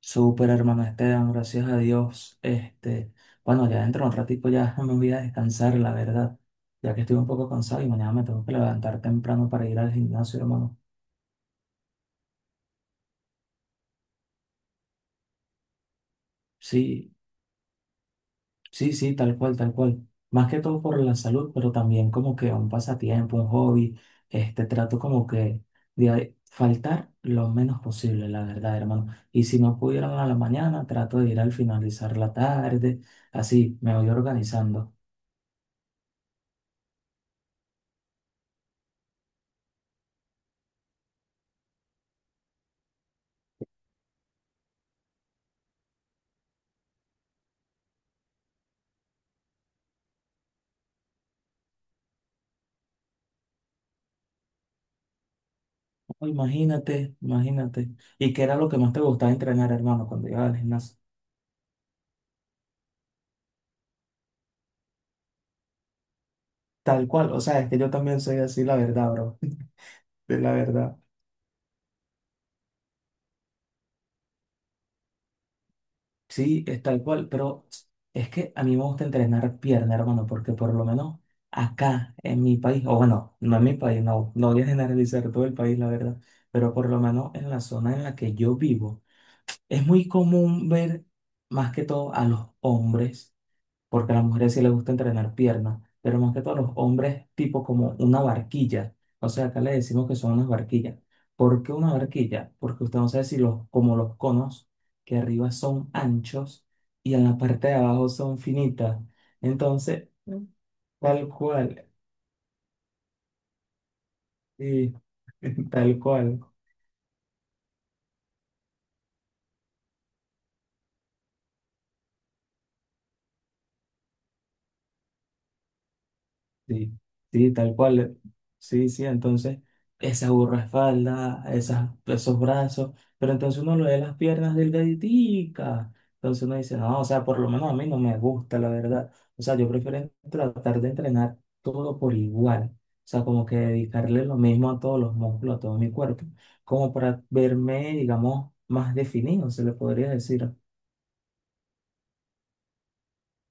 Súper hermano Esteban, gracias a Dios. Bueno, ya dentro de un ratico ya me voy a descansar, la verdad, ya que estoy un poco cansado y mañana me tengo que levantar temprano para ir al gimnasio, hermano. Sí, sí, sí, tal cual, tal cual. Más que todo por la salud, pero también como que un pasatiempo, un hobby. Trato como que de faltar lo menos posible, la verdad, hermano. Y si no pudiera a la mañana, trato de ir al finalizar la tarde, así me voy organizando. Oh, imagínate, imagínate. ¿Y qué era lo que más te gustaba entrenar, hermano, cuando ibas al gimnasio? Tal cual, o sea, es que yo también soy así, la verdad, bro. De la verdad. Sí, es tal cual, pero es que a mí me gusta entrenar pierna, hermano, porque por lo menos acá, en mi país, o bueno, no en mi país, no, no voy a generalizar todo el país, la verdad, pero por lo menos en la zona en la que yo vivo, es muy común ver más que todo a los hombres porque a las mujeres sí les gusta entrenar piernas, pero más que todo a los hombres tipo como una barquilla. O sea, acá le decimos que son unas barquillas. ¿Por qué una barquilla? Porque usted no sabe si los, como los conos que arriba son anchos y en la parte de abajo son finitas. Entonces, tal cual, sí, tal cual. Sí, sí, tal cual. Sí, sí, entonces esa espalda, esas, esos brazos, pero entonces uno lo ve las piernas delgaditicas. Entonces uno dice, no, o sea, por lo menos a mí no me gusta, la verdad. O sea, yo prefiero tratar de entrenar todo por igual. O sea, como que dedicarle lo mismo a todos los músculos, a todo mi cuerpo, como para verme, digamos, más definido, se le podría decir.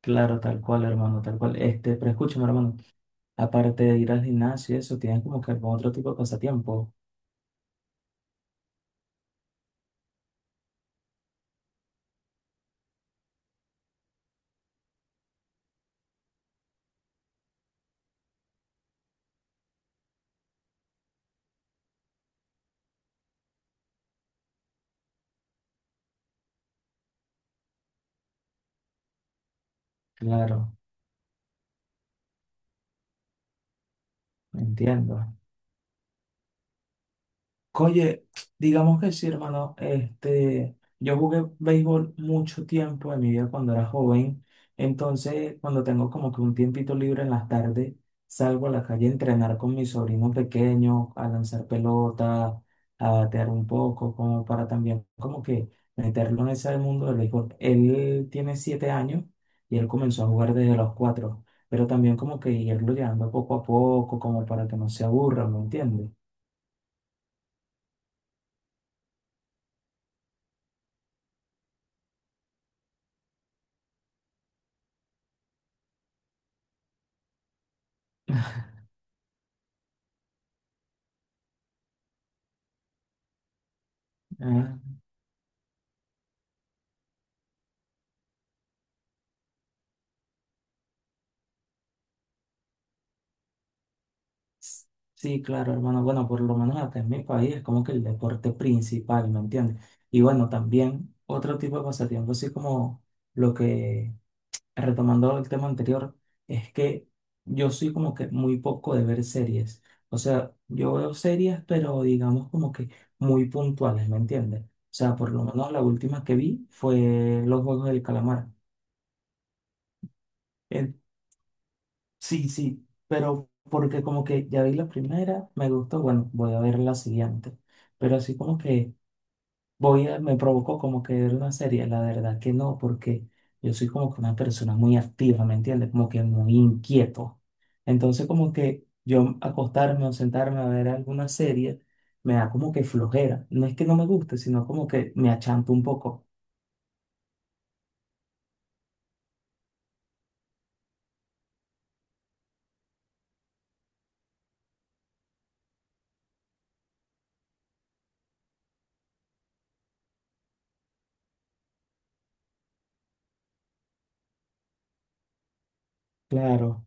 Claro, tal cual, hermano, tal cual. Pero escúchame, hermano. Aparte de ir al gimnasio, eso, tienes como que algún otro tipo de pasatiempo. Claro, entiendo. Oye, digamos que sí, hermano. Yo jugué béisbol mucho tiempo en mi vida cuando era joven. Entonces, cuando tengo como que un tiempito libre en las tardes, salgo a la calle a entrenar con mis sobrinos pequeños, a lanzar pelota, a batear un poco, como para también como que meterlo en ese mundo del béisbol. Él tiene 7 años y él comenzó a jugar desde los 4, pero también como que irlo llevando poco a poco, como para que no se aburra, ¿me entiendes? Sí, claro, hermano. Bueno, por lo menos acá en mi país es como que el deporte principal, ¿me entiendes? Y bueno, también otro tipo de pasatiempo, así como lo que, retomando el tema anterior, es que yo soy como que muy poco de ver series. O sea, yo veo series, pero digamos como que muy puntuales, ¿me entiendes? O sea, por lo menos la última que vi fue Los Juegos del Calamar. Sí, sí, pero porque como que ya vi la primera, me gustó, bueno, voy a ver la siguiente. Pero así como que voy a, me provocó como que ver una serie, la verdad que no, porque yo soy como que una persona muy activa, ¿me entiendes? Como que muy inquieto. Entonces como que yo acostarme o sentarme a ver alguna serie me da como que flojera. No es que no me guste, sino como que me achanto un poco. Claro.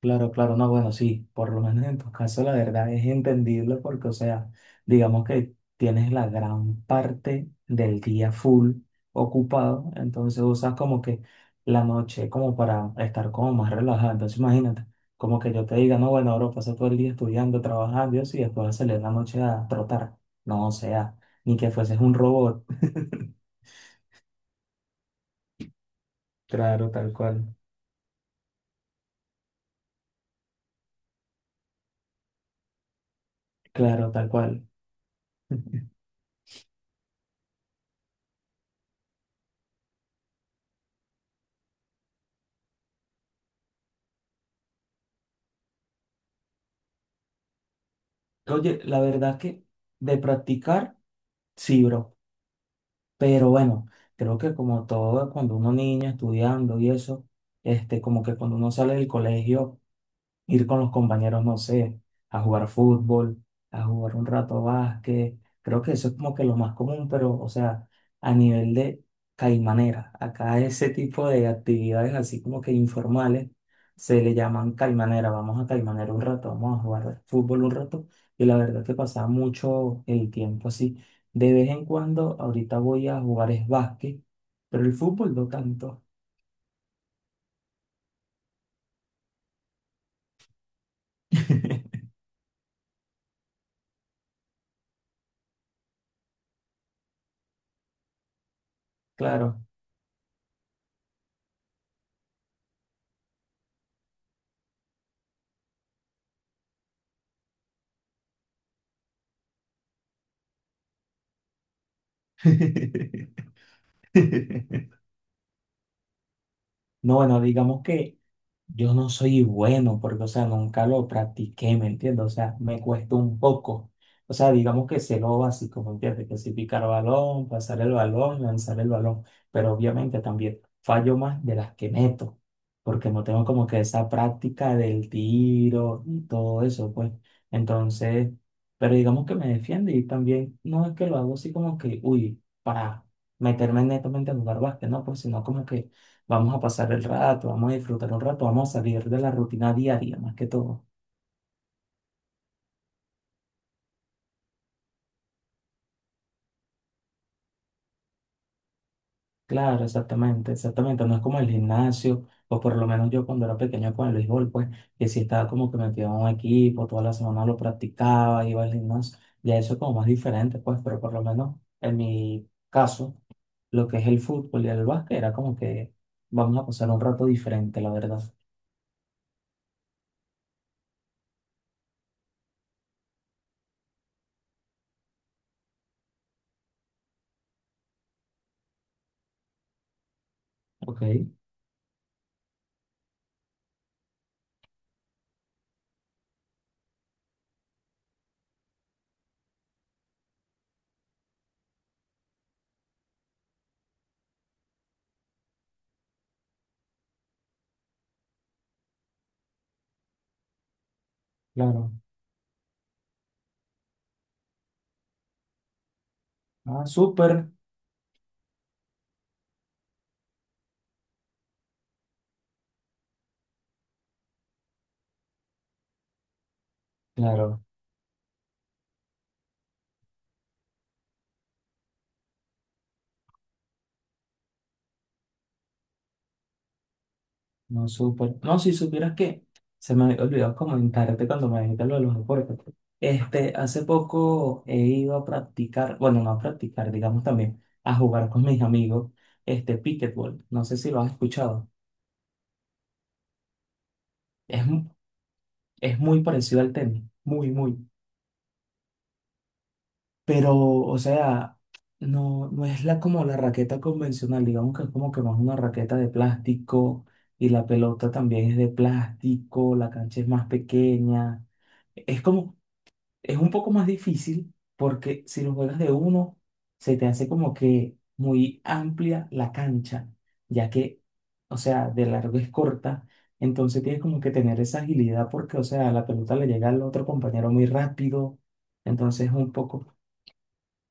Claro, claro, no, bueno, sí, por lo menos en tu caso la verdad es entendible porque, o sea, digamos que tienes la gran parte del día full ocupado, entonces usas como que la noche como para estar como más relajado. Entonces imagínate, como que yo te diga, no, bueno, ahora pasa todo el día estudiando, trabajando y eso, y después salir en la noche a trotar. No, o sea, ni que fueses un robot. Claro, tal cual. Claro, tal cual. Oye, la verdad que de practicar, sí, bro. Pero bueno, creo que como todo, cuando uno niño estudiando y eso, como que cuando uno sale del colegio ir con los compañeros, no sé, a jugar fútbol, a jugar un rato básquet. Creo que eso es como que lo más común, pero, o sea, a nivel de caimanera, acá ese tipo de actividades así como que informales se le llaman caimanera. Vamos a caimanera un rato, vamos a jugar fútbol un rato. Y la verdad que pasaba mucho el tiempo así. De vez en cuando, ahorita voy a jugar es básquet, pero el fútbol no tanto. Claro. No, bueno, digamos que yo no soy bueno porque, o sea, nunca lo practiqué, ¿me entiendes? O sea, me cuesta un poco. O sea, digamos que sé lo básico, ¿me entiendes? Que si picar balón, pasar el balón, lanzar el balón. Pero obviamente también fallo más de las que meto, porque no tengo como que esa práctica del tiro y todo eso, pues. Entonces, pero digamos que me defiende y también no es que lo hago así como que, uy, para meterme netamente a jugar básquet, ¿no? Pues sino como que vamos a pasar el rato, vamos a disfrutar un rato, vamos a salir de la rutina diaria más que todo. Claro, exactamente, exactamente. No es como el gimnasio, o por lo menos yo cuando era pequeño con el béisbol, pues, que si estaba como que metido en un equipo, toda la semana lo practicaba, iba al gimnasio. Ya eso es como más diferente, pues, pero por lo menos en mi caso, lo que es el fútbol y el básquet era como que vamos a pasar un rato diferente, la verdad. Ok, claro. Ah, súper, claro. No, súper. No, si supieras que se me había olvidado comentarte cuando me dijiste lo de los deportes. Hace poco he ido a practicar, bueno, no a practicar, digamos también, a jugar con mis amigos, pickleball. No sé si lo has escuchado. Es, es muy parecido al tenis, muy, muy. Pero, o sea, no, no es la, como la raqueta convencional, digamos que es como que más una raqueta de plástico y la pelota también es de plástico, la cancha es más pequeña. Es como es un poco más difícil porque si lo juegas de uno, se te hace como que muy amplia la cancha, ya que, o sea, de largo es corta, entonces tienes como que tener esa agilidad porque, o sea, la pelota le llega al otro compañero muy rápido, entonces es un poco,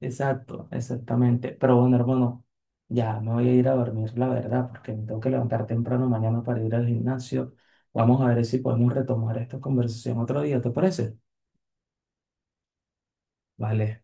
exacto, exactamente. Pero bueno, hermano, ya me voy a ir a dormir, la verdad, porque me tengo que levantar temprano mañana para ir al gimnasio. Vamos a ver si podemos retomar esta conversación otro día, ¿te parece? Vale.